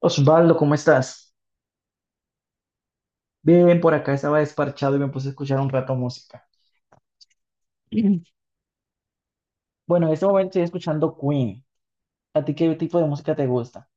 Osvaldo, ¿cómo estás? Bien, por acá estaba desparchado y me puse a escuchar un rato música. Mm. Bueno, en este momento estoy escuchando Queen. ¿A ti qué tipo de música te gusta?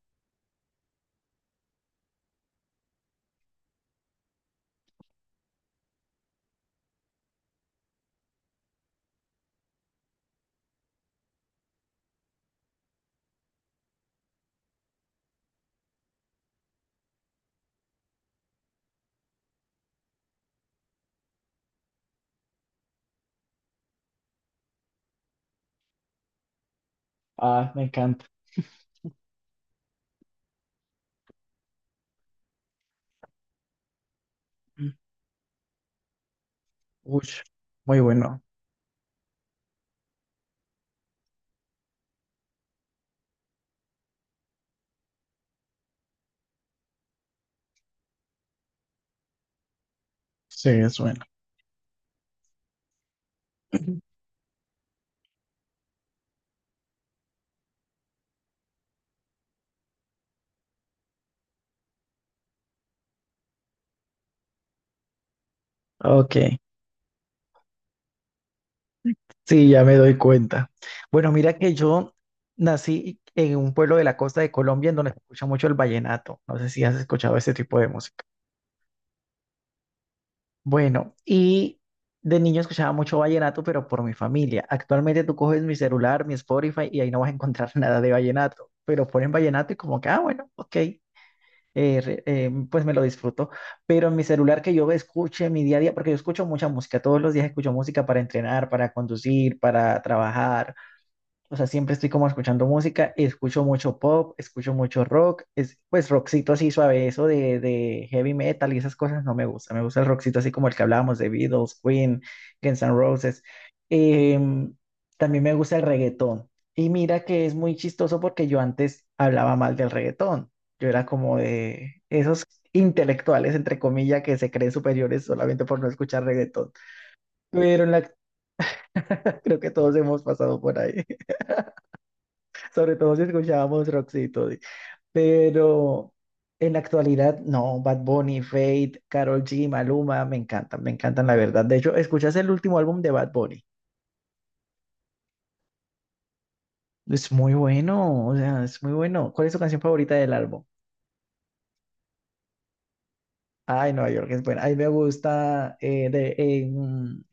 Ah, me encanta. Mm. Uy, muy bueno. Sí, es bueno. Ok, sí, ya me doy cuenta. Bueno, mira que yo nací en un pueblo de la costa de Colombia en donde se escucha mucho el vallenato. No sé si has escuchado ese tipo de música. Bueno, y de niño escuchaba mucho vallenato, pero por mi familia. Actualmente tú coges mi celular, mi Spotify, y ahí no vas a encontrar nada de vallenato. Pero ponen vallenato y como que, ah, bueno, ok, pues me lo disfruto. Pero en mi celular que yo escuche en mi día a día, porque yo escucho mucha música, todos los días escucho música para entrenar, para conducir, para trabajar. O sea, siempre estoy como escuchando música, escucho mucho pop, escucho mucho rock, es, pues rockcito así suave, eso de heavy metal y esas cosas no me gusta, me gusta el rockcito así como el que hablábamos de Beatles, Queen, Guns N' Roses. Em, también me gusta el reggaetón. Y mira que es muy chistoso porque yo antes hablaba mal del reggaetón, yo era como de esos intelectuales, entre comillas, que se creen superiores solamente por no escuchar reggaetón, pero en la, creo que todos hemos pasado por ahí. Sobre todo si escuchábamos Roxito. Di. Pero en la actualidad, no, Bad Bunny, Fate, Karol G, Maluma, me encantan, la verdad. De hecho, ¿escuchas el último álbum de Bad Bunny? Es muy bueno, o sea, es muy bueno. ¿Cuál es tu canción favorita del álbum? Ay, Nueva York es buena. Ay, me gusta de, mm,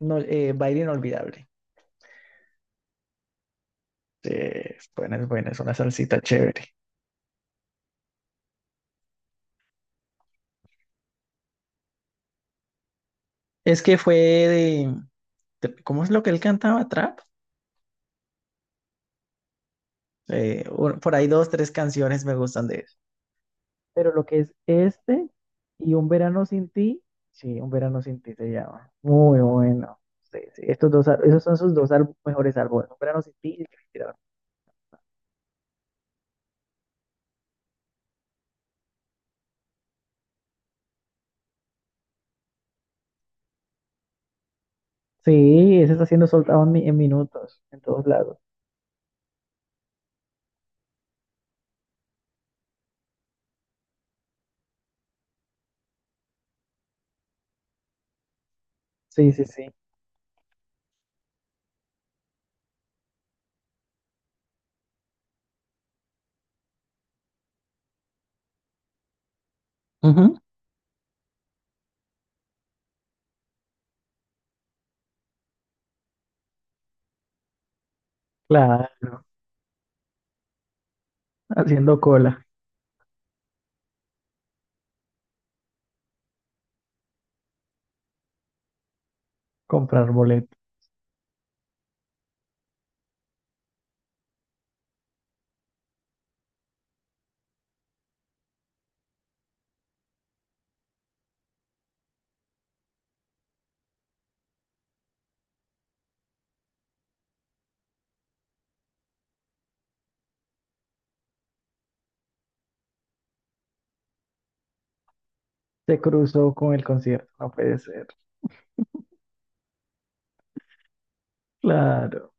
no, Baile Inolvidable. Sí, es buena, es buena, es una salsita chévere. Es que fue de- ¿cómo es lo que él cantaba? ¿Trap? Un- por ahí dos, tres canciones me gustan de él. Pero lo que es este y Un verano sin ti, sí, Un verano sin ti se llama. Muy bueno. Sí, sí, estos dos, al- esos son sus dos al- mejores álbumes. Un verano sin ti y El Respirador. Sí, ese está siendo soltado en, mi- en minutos, en todos lados. Sí, sí, sí. Ujú, claro, haciendo cola, comprar boleto. Se cruzó con el concierto, no puede ser. Claro.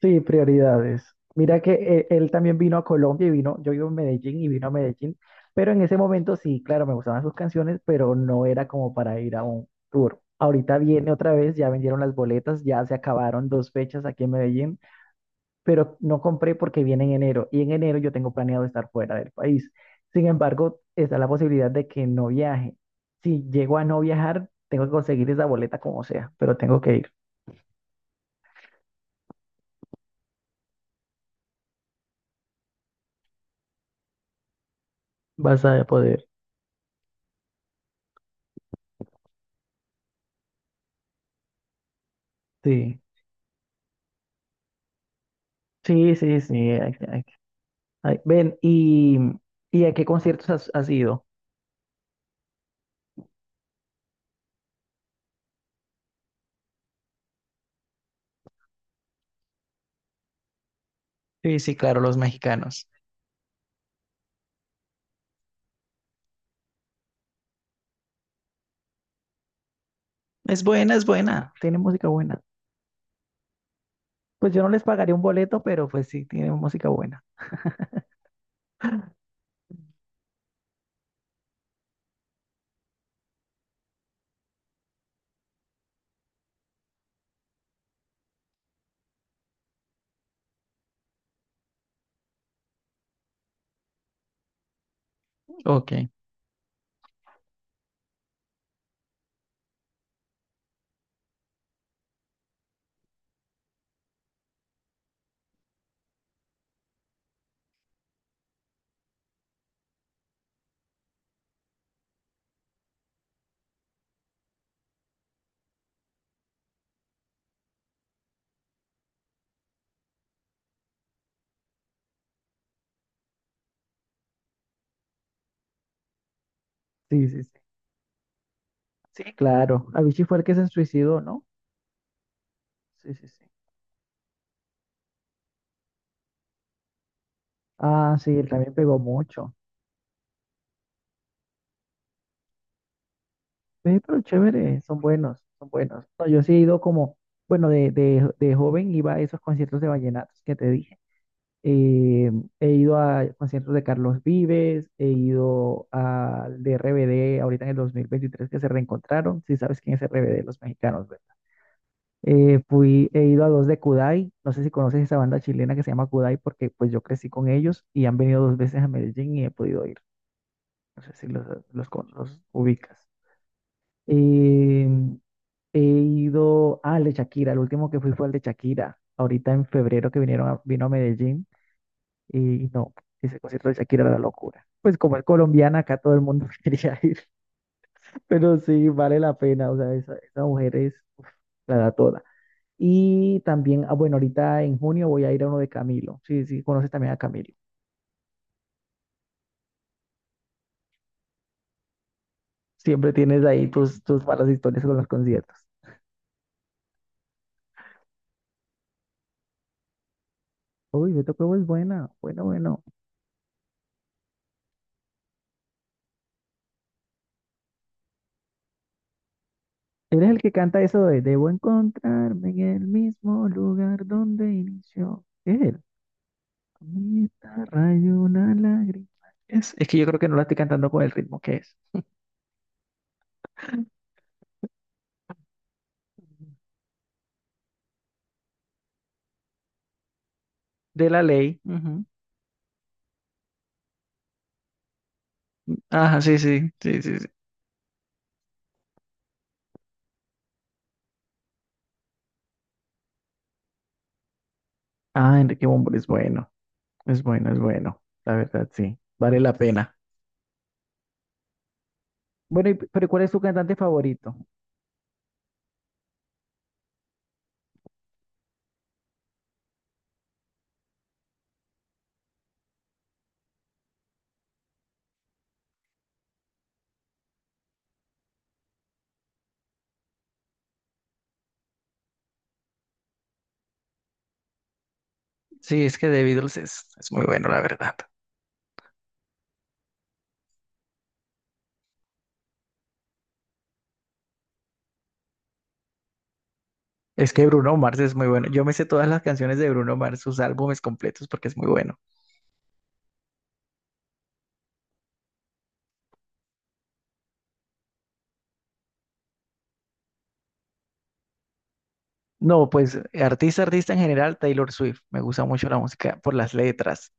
Sí, prioridades. Mira que él también vino a Colombia y vino, yo vivo en Medellín y vino a Medellín, pero en ese momento sí, claro, me gustaban sus canciones, pero no era como para ir a un tour. Ahorita viene otra vez, ya vendieron las boletas, ya se acabaron dos fechas aquí en Medellín, pero no compré porque viene en enero y en enero yo tengo planeado estar fuera del país. Sin embargo, está la posibilidad de que no viaje. Si llego a no viajar, tengo que conseguir esa boleta como sea, pero tengo que ir. Vas a poder. Sí. Sí, sí, sí, hay, ay, ven, y a qué conciertos has, has ido? Sí, sí, claro, los mexicanos. Es buena, es buena. Tienen música buena. Pues yo no les pagaría un boleto, pero pues sí, tienen música buena. Ok. Sí, sí, sí. Sí, claro. Avicii fue el que se suicidó, ¿no? Sí, sí, sí. Ah, sí, él también pegó mucho. Ve, pero chévere, son buenos, son buenos. No, yo sí he ido como, bueno, de joven iba a esos conciertos de vallenatos que te dije. Eh, he ido a conciertos de Carlos Vives, he ido al de RBD ahorita en el 2023 que se reencontraron, si sabes quién es RBD, los mexicanos, ¿verdad? Fui, he ido a dos de Kudai, no sé si conoces esa banda chilena que se llama Kudai porque pues yo crecí con ellos y han venido dos veces a Medellín y he podido ir, no sé si los ubicas. Em, he ido al de Shakira, el último que fui fue al de Shakira, ahorita en febrero que vinieron a- vino a Medellín. Y no, ese concierto de Shakira era la locura. Pues como es colombiana, acá todo el mundo quería ir, pero sí, vale la pena, o sea, esa mujer es la da toda. Y también, ah, bueno, ahorita en junio voy a ir a uno de Camilo, sí, sí, conoces también a Camilo. Siempre tienes ahí tus, tus malas historias con los conciertos. Uy, Beto Cuevo es buena, bueno, bueno. Eres el que canta eso de debo encontrarme en el mismo lugar donde inició. ¿Es él bonita, rayo, una lágrima. Es que yo creo que no la estoy cantando con el ritmo que es. De la ley. Ujú. Ajá, sí, sí, sí, sí, sí. Ah, Enrique Bunbury es bueno, es bueno, es bueno. La verdad, sí, vale la pena. Bueno, y- pero ¿cuál es tu cantante favorito? Sí, es que The Beatles es muy bueno, la verdad. Es que Bruno Mars es muy bueno. Yo me sé todas las canciones de Bruno Mars, sus álbumes completos, porque es muy bueno. No, pues artista, artista en general, Taylor Swift. Me gusta mucho la música por las letras.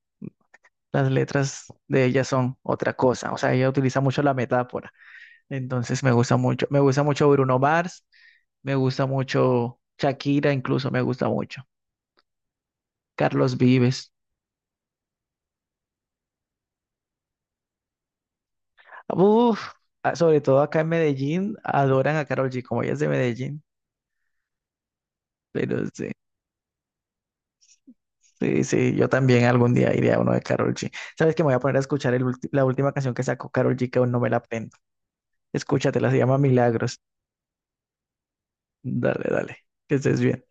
Las letras de ella son otra cosa. O sea, ella utiliza mucho la metáfora. Entonces me gusta mucho. Me gusta mucho Bruno Mars. Me gusta mucho Shakira, incluso me gusta mucho. Carlos Vives. Uf, ah, sobre todo acá en Medellín, adoran a Karol G, como ella es de Medellín. Pero sí, sí, sí, yo también algún día iré a uno de Karol G. ¿Sabes que me voy a poner a escuchar el ulti- la última canción que sacó Karol G, que aún no me la aprendo? Escúchatela, se llama Milagros. Dale, dale, que estés bien.